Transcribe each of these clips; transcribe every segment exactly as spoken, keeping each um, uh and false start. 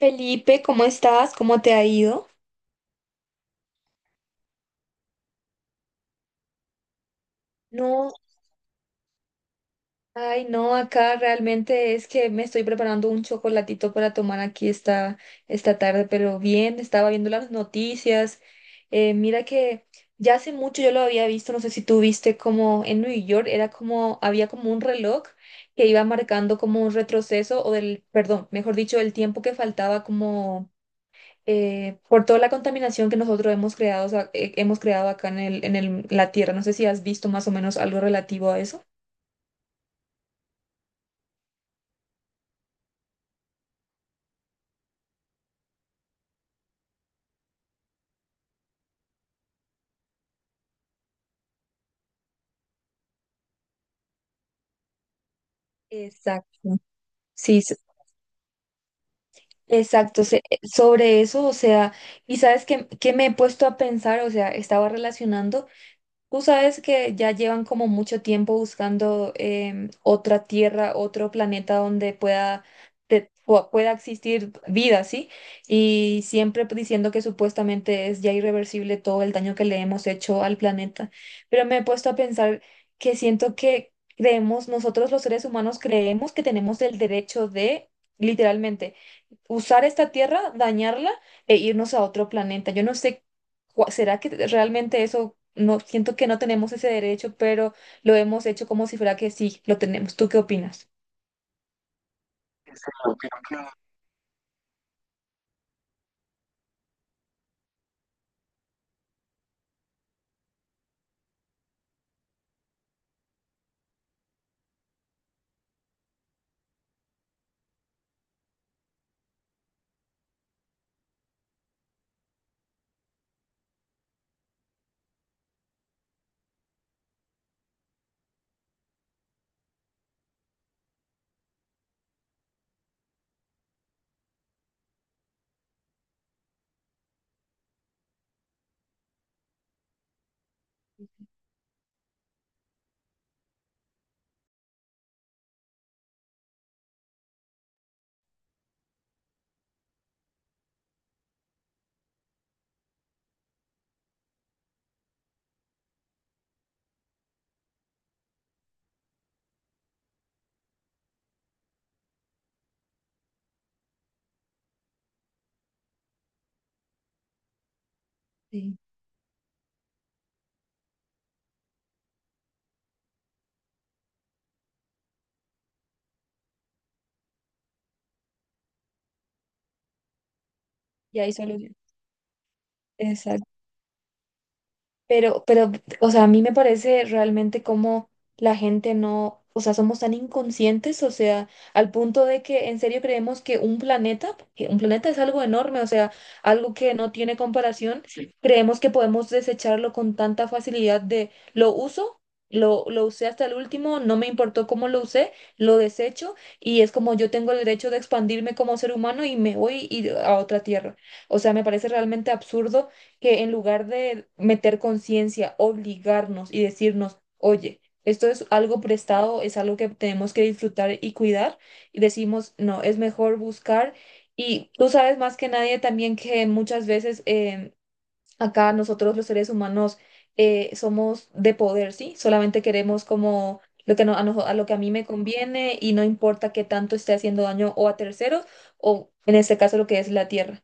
Felipe, ¿cómo estás? ¿Cómo te ha ido? No, ay, no, acá realmente es que me estoy preparando un chocolatito para tomar aquí esta, esta tarde, pero bien, estaba viendo las noticias. Eh, mira que ya hace mucho yo lo había visto, no sé si tú viste, como en New York era como, había como un reloj que iba marcando como un retroceso o del, perdón, mejor dicho, el tiempo que faltaba, como eh, por toda la contaminación que nosotros hemos creado, o sea, eh, hemos creado acá en el, en el- la Tierra. No sé si has visto más o menos algo relativo a eso. Exacto. Sí, s- exacto. Se- eh, sobre eso, o sea, y sabes que, que me he puesto a pensar, o sea, estaba relacionando. Tú sabes que ya llevan como mucho tiempo buscando em, otra tierra, otro planeta donde pueda, te- pu- pueda existir vida, ¿sí? Y siempre diciendo que supuestamente es ya irreversible todo el daño que le hemos hecho al planeta. Pero me he puesto a pensar que siento que creemos, nosotros los seres humanos creemos que tenemos el derecho de, literalmente, usar esta tierra, dañarla e irnos a otro planeta. Yo no sé, cua- ¿será que realmente eso? No, siento que no tenemos ese derecho, pero lo hemos hecho como si fuera que sí, lo tenemos. ¿Tú qué opinas? Sí, y hay solución. Exacto. Pero, pero, o sea, a mí me parece realmente como la gente no, o sea, somos tan inconscientes, o sea, al punto de que en serio creemos que un planeta, que un planeta es algo enorme, o sea, algo que no tiene comparación. Sí, creemos que podemos desecharlo con tanta facilidad. De lo uso, lo, lo usé hasta el último, no me importó cómo lo usé, lo desecho, y es como yo tengo el derecho de expandirme como ser humano y me voy y- a otra tierra. O sea, me parece realmente absurdo que en lugar de meter conciencia, obligarnos y decirnos, oye, esto es algo prestado, es algo que tenemos que disfrutar y cuidar, y decimos, no, es mejor buscar. Y tú sabes más que nadie también que muchas veces em, acá nosotros los seres humanos eh, somos de poder, ¿sí? Solamente queremos como lo que no- a, noso- a lo que a mí me conviene, y no importa qué tanto esté haciendo daño o a terceros o en este caso lo que es la Tierra.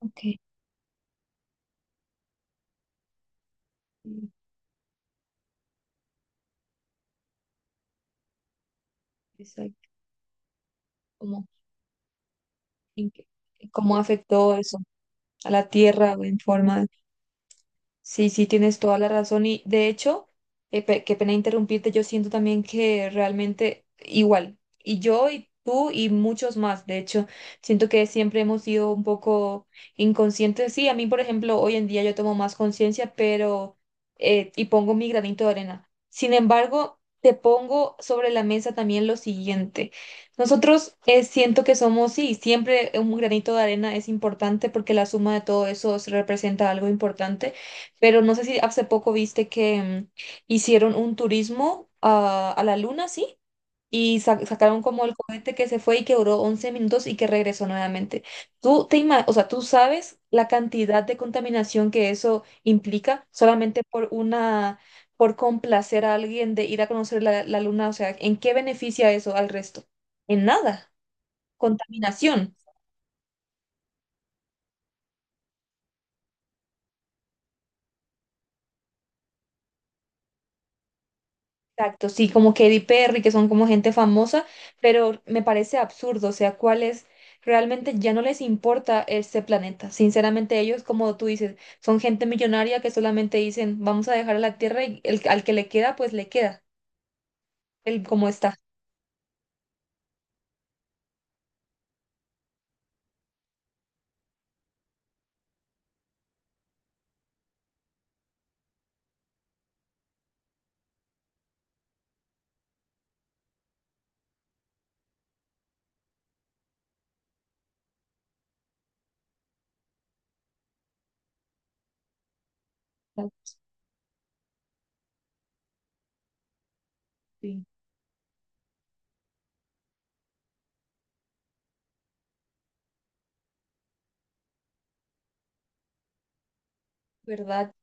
Ok, mm, exacto. ¿En qué? Cómo afectó eso a la Tierra en forma. Sí, sí, tienes toda la razón. Y, de hecho, eh, pe- qué pena interrumpirte, yo siento también que realmente igual, y yo y tú y muchos más, de hecho, siento que siempre hemos sido un poco inconscientes. Sí, a mí, por ejemplo, hoy en día yo tomo más conciencia, pero eh, y pongo mi granito de arena. Sin embargo, te pongo sobre la mesa también lo siguiente. Nosotros eh, siento que somos, sí, siempre un granito de arena es importante porque la suma de todo eso representa algo importante. Pero no sé si hace poco viste que mm, hicieron un turismo a, a la luna, ¿sí? Y sa- sacaron como el cohete que se fue y que duró once minutos y que regresó nuevamente. Tú te ima- o sea, tú sabes la cantidad de contaminación que eso implica solamente por una, por complacer a alguien de ir a conocer la, la luna. O sea, ¿en qué beneficia eso al resto? En nada. Contaminación. Exacto, sí, como Katy Perry, que son como gente famosa, pero me parece absurdo, o sea, cuáles realmente ya no les importa este planeta. Sinceramente, ellos, como tú dices, son gente millonaria que solamente dicen, vamos a dejar a la Tierra y el, al que le queda, pues le queda, el como está. Sí. ¿Verdad?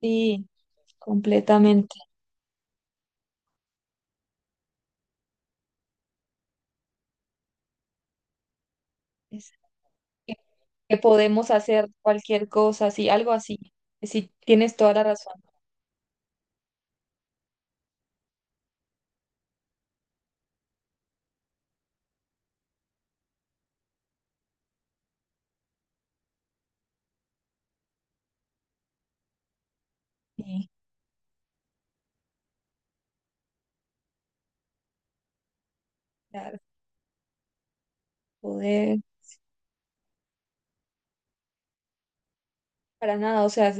Sí, completamente. Es Que que podemos hacer cualquier cosa, así, algo así. Sí, tienes toda la razón. Sí, claro, poder. Para nada, o sea,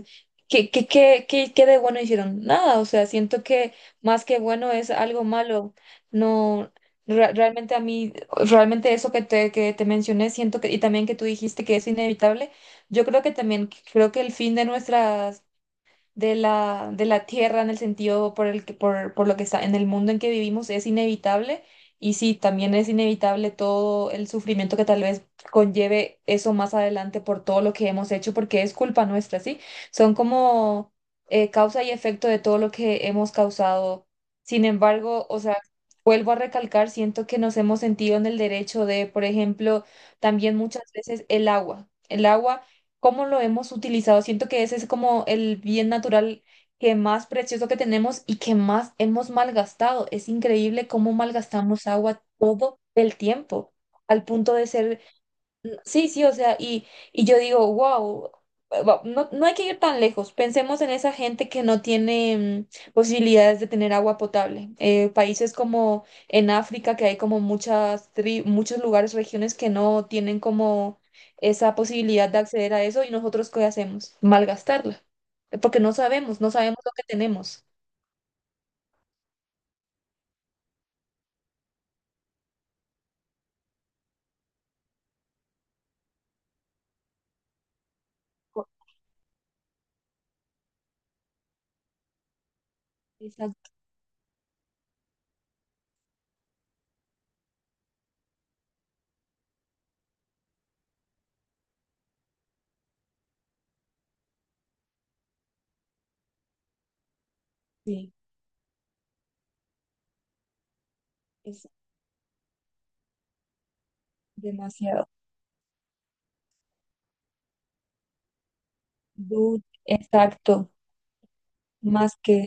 ¿qué, qué, qué, qué, qué de bueno hicieron. Nada, o sea, siento que más que bueno es algo malo. No, re- realmente a mí, realmente eso que te, que te mencioné, siento que, y también que tú dijiste que es inevitable, yo creo que también, creo que el fin de nuestras de la, de la Tierra, en el sentido por el que, por, por lo que está en el mundo en que vivimos, es inevitable. Y sí, también es inevitable todo el sufrimiento que tal vez conlleve eso más adelante por todo lo que hemos hecho, porque es culpa nuestra, ¿sí? Son como eh, causa y efecto de todo lo que hemos causado. Sin embargo, o sea, vuelvo a recalcar, siento que nos hemos sentido en el derecho de, por ejemplo, también muchas veces el agua. El agua, cómo lo hemos utilizado. Siento que ese es como el bien natural que más precioso que tenemos y que más hemos malgastado. Es increíble cómo malgastamos agua todo el tiempo, al punto de ser. Sí, sí, o sea, y, y yo digo, wow, no, no hay que ir tan lejos. Pensemos en esa gente que no tiene mm, posibilidades de tener agua potable. Eh, países como en África, que hay como muchas tri- muchos lugares, regiones que no tienen como esa posibilidad de acceder a eso, ¿y nosotros qué hacemos? Malgastarla. eh, Porque no sabemos, no sabemos lo que tenemos. Co- Exacto, sí, es demasiado. Du- Exacto, más que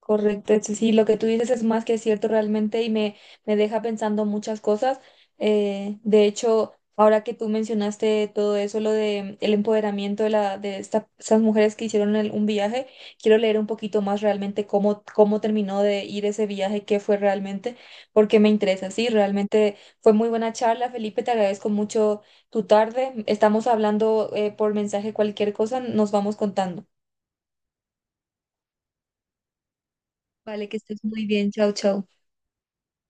correcto. Eso sí, lo que tú dices es más que cierto realmente, y me, me deja pensando muchas cosas. Eh, de hecho, ahora que tú mencionaste todo eso, lo de el empoderamiento de, la, de esta- estas mujeres que hicieron el- un viaje, quiero leer un poquito más realmente cómo, cómo, terminó de ir ese viaje, qué fue realmente, porque me interesa. Sí, realmente fue muy buena charla, Felipe, te agradezco mucho tu tarde. Estamos hablando eh, por mensaje cualquier cosa, nos vamos contando. Vale, que estés muy bien, chao, chao.